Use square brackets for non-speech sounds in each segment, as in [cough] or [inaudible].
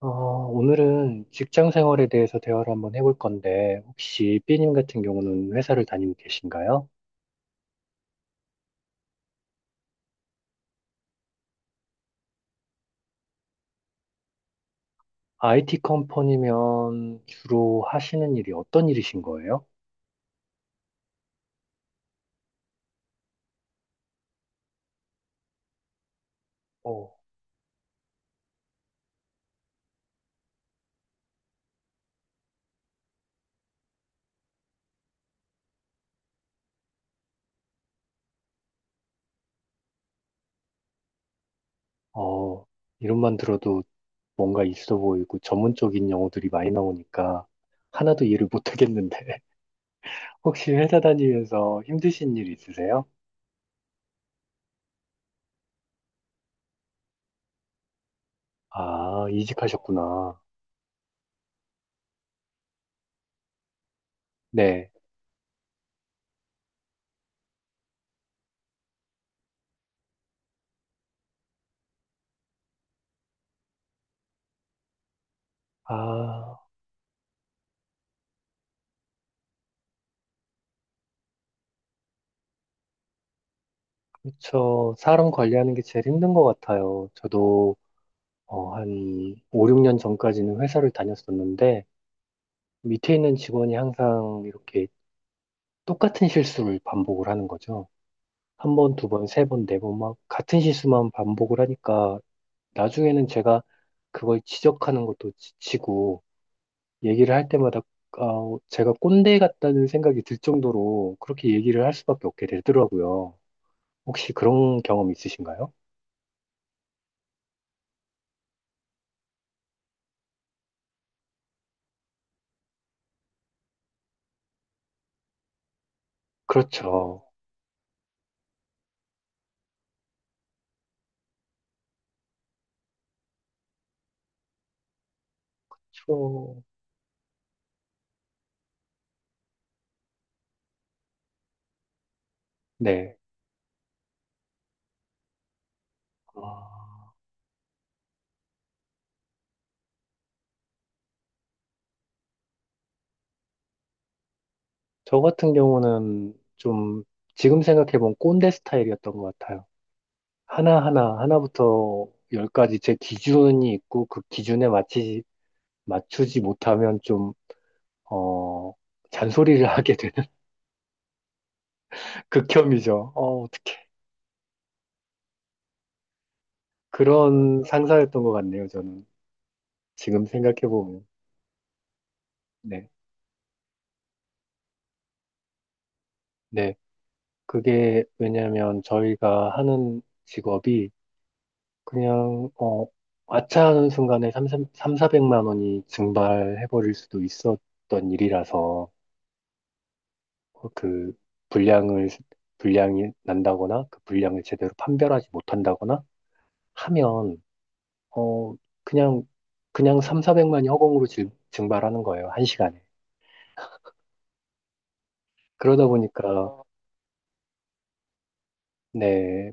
오늘은 직장 생활에 대해서 대화를 한번 해볼 건데, 혹시 B님 같은 경우는 회사를 다니고 계신가요? IT 컴퍼니면 주로 하시는 일이 어떤 일이신 거예요? 어, 어, 이름만 들어도 뭔가 있어 보이고 전문적인 용어들이 많이 나오니까 하나도 이해를 못하겠는데, [laughs] 혹시 회사 다니면서 힘드신 일 있으세요? 아, 이직하셨구나. 네. 아, 그쵸. 사람 관리하는 게 제일 힘든 것 같아요. 저도 한 5, 6년 전까지는 회사를 다녔었는데 밑에 있는 직원이 항상 이렇게 똑같은 실수를 반복을 하는 거죠. 한 번, 두 번, 세 번, 네 번 막 같은 실수만 반복을 하니까 나중에는 제가 그걸 지적하는 것도 지치고 얘기를 할 때마다 제가 꼰대 같다는 생각이 들 정도로 그렇게 얘기를 할 수밖에 없게 되더라고요. 혹시 그런 경험 있으신가요? 그렇죠. 저, 네. 아. 저 같은 경우는 좀 지금 생각해보면 꼰대 스타일이었던 것 같아요. 하나하나, 하나부터 열까지 제 기준이 있고 그 기준에 맞추지, 맞추지 못하면 좀, 어, 잔소리를 [laughs] 하게 되는 극혐이죠. 어떡해. 그런 상사였던 것 같네요, 저는. 지금 생각해보면. 네. 네. 그게 왜냐면 저희가 하는 직업이 그냥, 아차하는 순간에 3, 삼 400만 원이 증발해버릴 수도 있었던 일이라서, 어, 그, 불량을, 불량이 난다거나, 그 불량을 제대로 판별하지 못한다거나 하면, 어, 그냥, 그냥 3, 400만이 허공으로 증발하는 거예요. 한 시간에. 그러다 보니까, 네,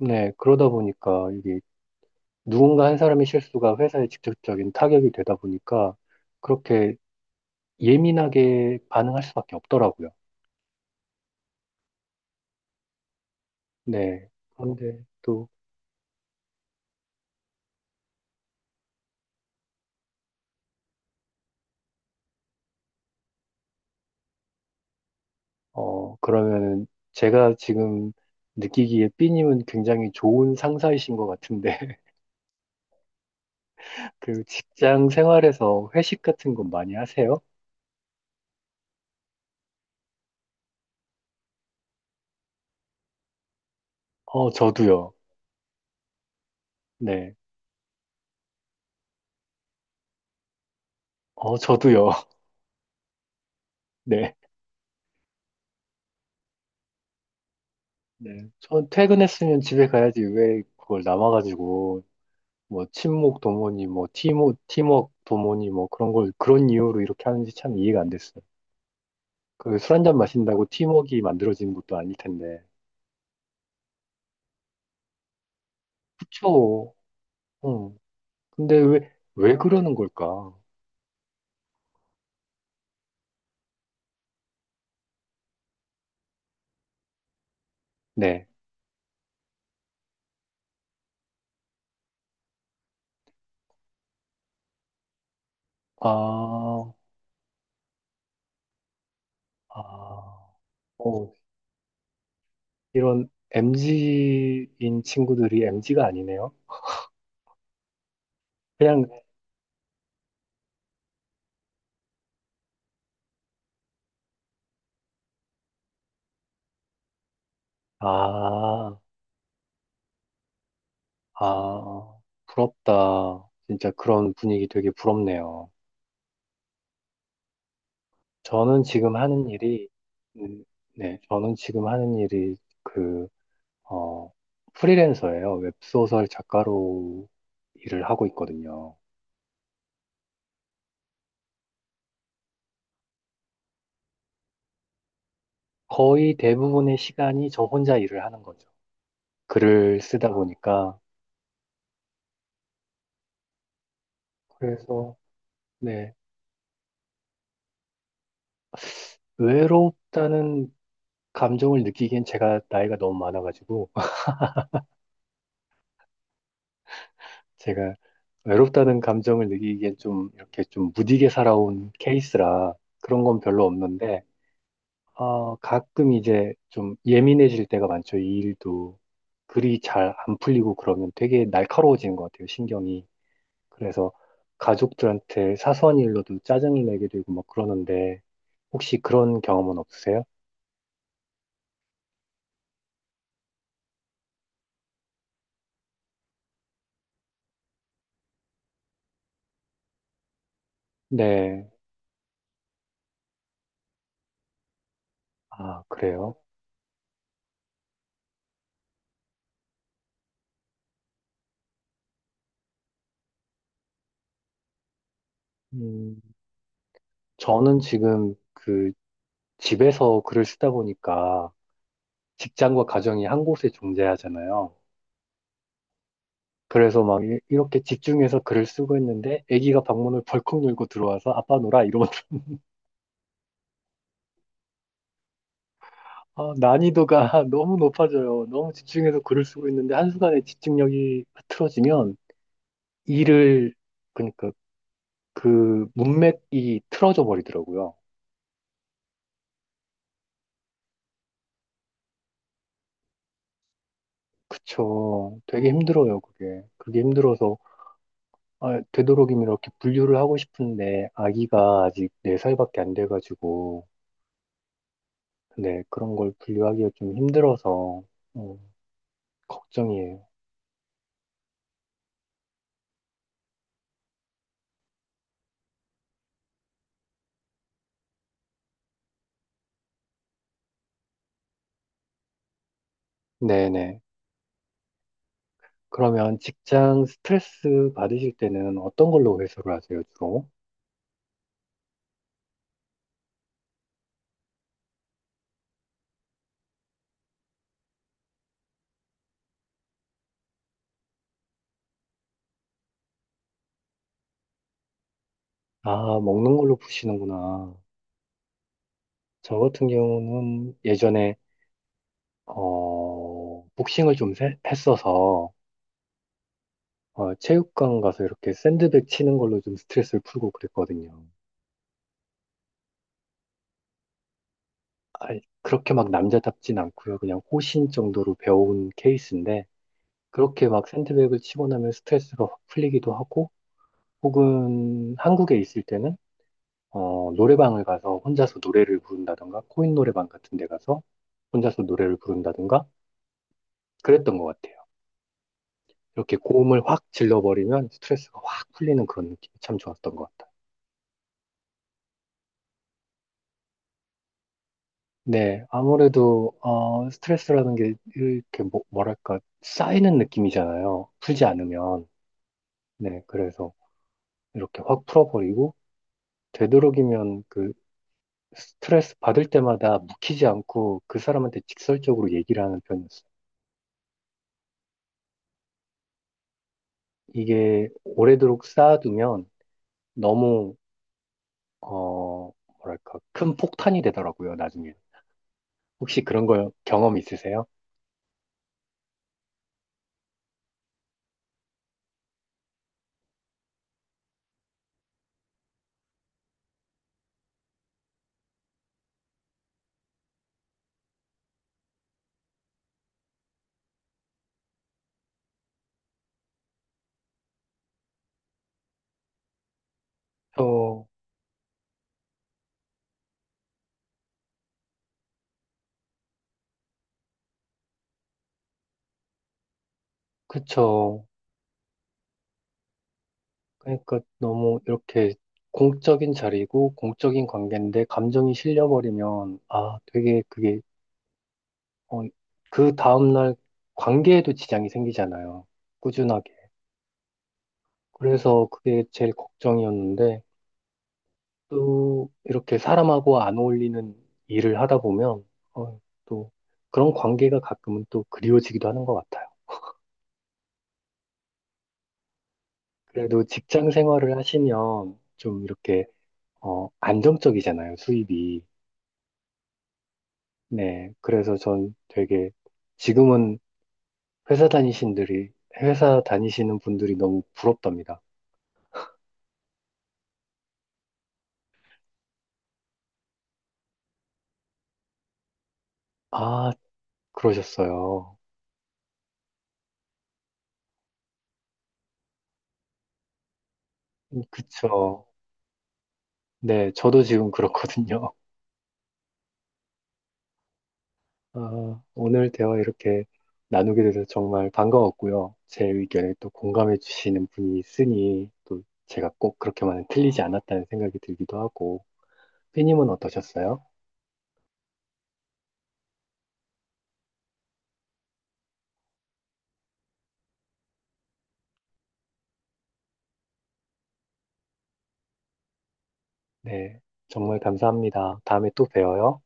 네, 그러다 보니까, 이게, 누군가 한 사람의 실수가 회사에 직접적인 타격이 되다 보니까, 그렇게 예민하게 반응할 수밖에 없더라고요. 네. 그런데 또, 그러면은 제가 지금 느끼기에 B님은 굉장히 좋은 상사이신 것 같은데, [laughs] 그 직장 생활에서 회식 같은 거 많이 하세요? 저도요. 네. 저도요. [laughs] 네. 네. 전 퇴근했으면 집에 가야지 왜 그걸 남아가지고, 뭐, 친목 도모니, 뭐, 팀워크 도모니, 뭐, 그런 걸, 그런 이유로 이렇게 하는지 참 이해가 안 됐어요. 그 술 한잔 마신다고 팀워크가 만들어지는 것도 아닐 텐데. 그쵸. 응. 근데 왜 그러는 걸까? 네. 아, 아, 어, 이런 m 지인 친구들이 m 지가 아니네요. 그냥, 아, 아, 부럽다. 진짜 그런 분위기 되게 부럽네요. 저는 지금 하는 일이, 음, 네, 저는 지금 하는 일이 그, 어, 프리랜서예요. 웹소설 작가로 일을 하고 있거든요. 거의 대부분의 시간이 저 혼자 일을 하는 거죠. 글을 쓰다 보니까. 그래서, 네. 외롭다는 감정을 느끼기엔 제가 나이가 너무 많아가지고. [laughs] 제가 외롭다는 감정을 느끼기엔 좀 이렇게 좀 무디게 살아온 케이스라 그런 건 별로 없는데, 가끔 이제 좀 예민해질 때가 많죠. 이 일도 글이 잘 안 풀리고 그러면 되게 날카로워지는 것 같아요, 신경이. 그래서 가족들한테 사소한 일로도 짜증을 내게 되고 막 그러는데, 혹시 그런 경험은 없으세요? 네. 아, 그래요? 네. 저는 지금 그 집에서 글을 쓰다 보니까 직장과 가정이 한 곳에 존재하잖아요. 그래서 막 이렇게 집중해서 글을 쓰고 있는데 아기가 방문을 벌컥 열고 들어와서 아빠 놀아 이러면 [laughs] 아, 난이도가 [laughs] 너무 높아져요. 너무 집중해서 글을 쓰고 있는데 한순간에 집중력이 흐트러지면 일을 그러니까 그 문맥이 틀어져 버리더라고요. 그쵸. 되게 힘들어요, 그게. 그게 힘들어서 되도록이면 이렇게 분류를 하고 싶은데 아기가 아직 4살밖에 안 돼가지고, 근데 그런 걸 분류하기가 좀 힘들어서, 음, 걱정이에요. 네네. 그러면 직장 스트레스 받으실 때는 어떤 걸로 해소를 하세요, 주로? 아, 먹는 걸로 푸시는구나. 저 같은 경우는 예전에 복싱을 좀 했어서 체육관 가서 이렇게 샌드백 치는 걸로 좀 스트레스를 풀고 그랬거든요. 아니, 그렇게 막 남자답진 않고요. 그냥 호신 정도로 배워온 케이스인데 그렇게 막 샌드백을 치고 나면 스트레스가 확 풀리기도 하고 혹은 한국에 있을 때는 노래방을 가서 혼자서 노래를 부른다던가 코인 노래방 같은 데 가서 혼자서 노래를 부른다던가 그랬던 것 같아요. 이렇게 고음을 확 질러버리면 스트레스가 확 풀리는 그런 느낌이 참 좋았던 것 같아요. 네, 아무래도 스트레스라는 게 이렇게 뭐, 뭐랄까 쌓이는 느낌이잖아요, 풀지 않으면. 네, 그래서 이렇게 확 풀어버리고, 되도록이면 그 스트레스 받을 때마다 묵히지 않고 그 사람한테 직설적으로 얘기를 하는 편이었어요. 이게 오래도록 쌓아두면 너무, 어, 뭐랄까, 큰 폭탄이 되더라고요, 나중에. 혹시 그런 거 경험 있으세요? 어, 그쵸. 그러니까 너무 이렇게 공적인 자리고 공적인 관계인데 감정이 실려버리면, 아, 되게 그게, 어, 그 다음날 관계에도 지장이 생기잖아요, 꾸준하게. 그래서 그게 제일 걱정이었는데, 또 이렇게 사람하고 안 어울리는 일을 하다 보면, 어, 또 그런 관계가 가끔은 또 그리워지기도 하는 것 같아요. 그래도 직장 생활을 하시면 좀 이렇게, 안정적이잖아요, 수입이. 네. 그래서 전 되게 지금은 회사 다니신들이, 회사 다니시는 분들이 너무 부럽답니다. 아, 그러셨어요. 그쵸. 네, 저도 지금 그렇거든요. 아, 오늘 대화 이렇게 나누게 돼서 정말 반가웠고요. 제 의견에 또 공감해 주시는 분이 있으니 또 제가 꼭 그렇게만은 틀리지 않았다는 생각이 들기도 하고. 삐님은 어떠셨어요? 네, 정말 감사합니다. 다음에 또 봬요.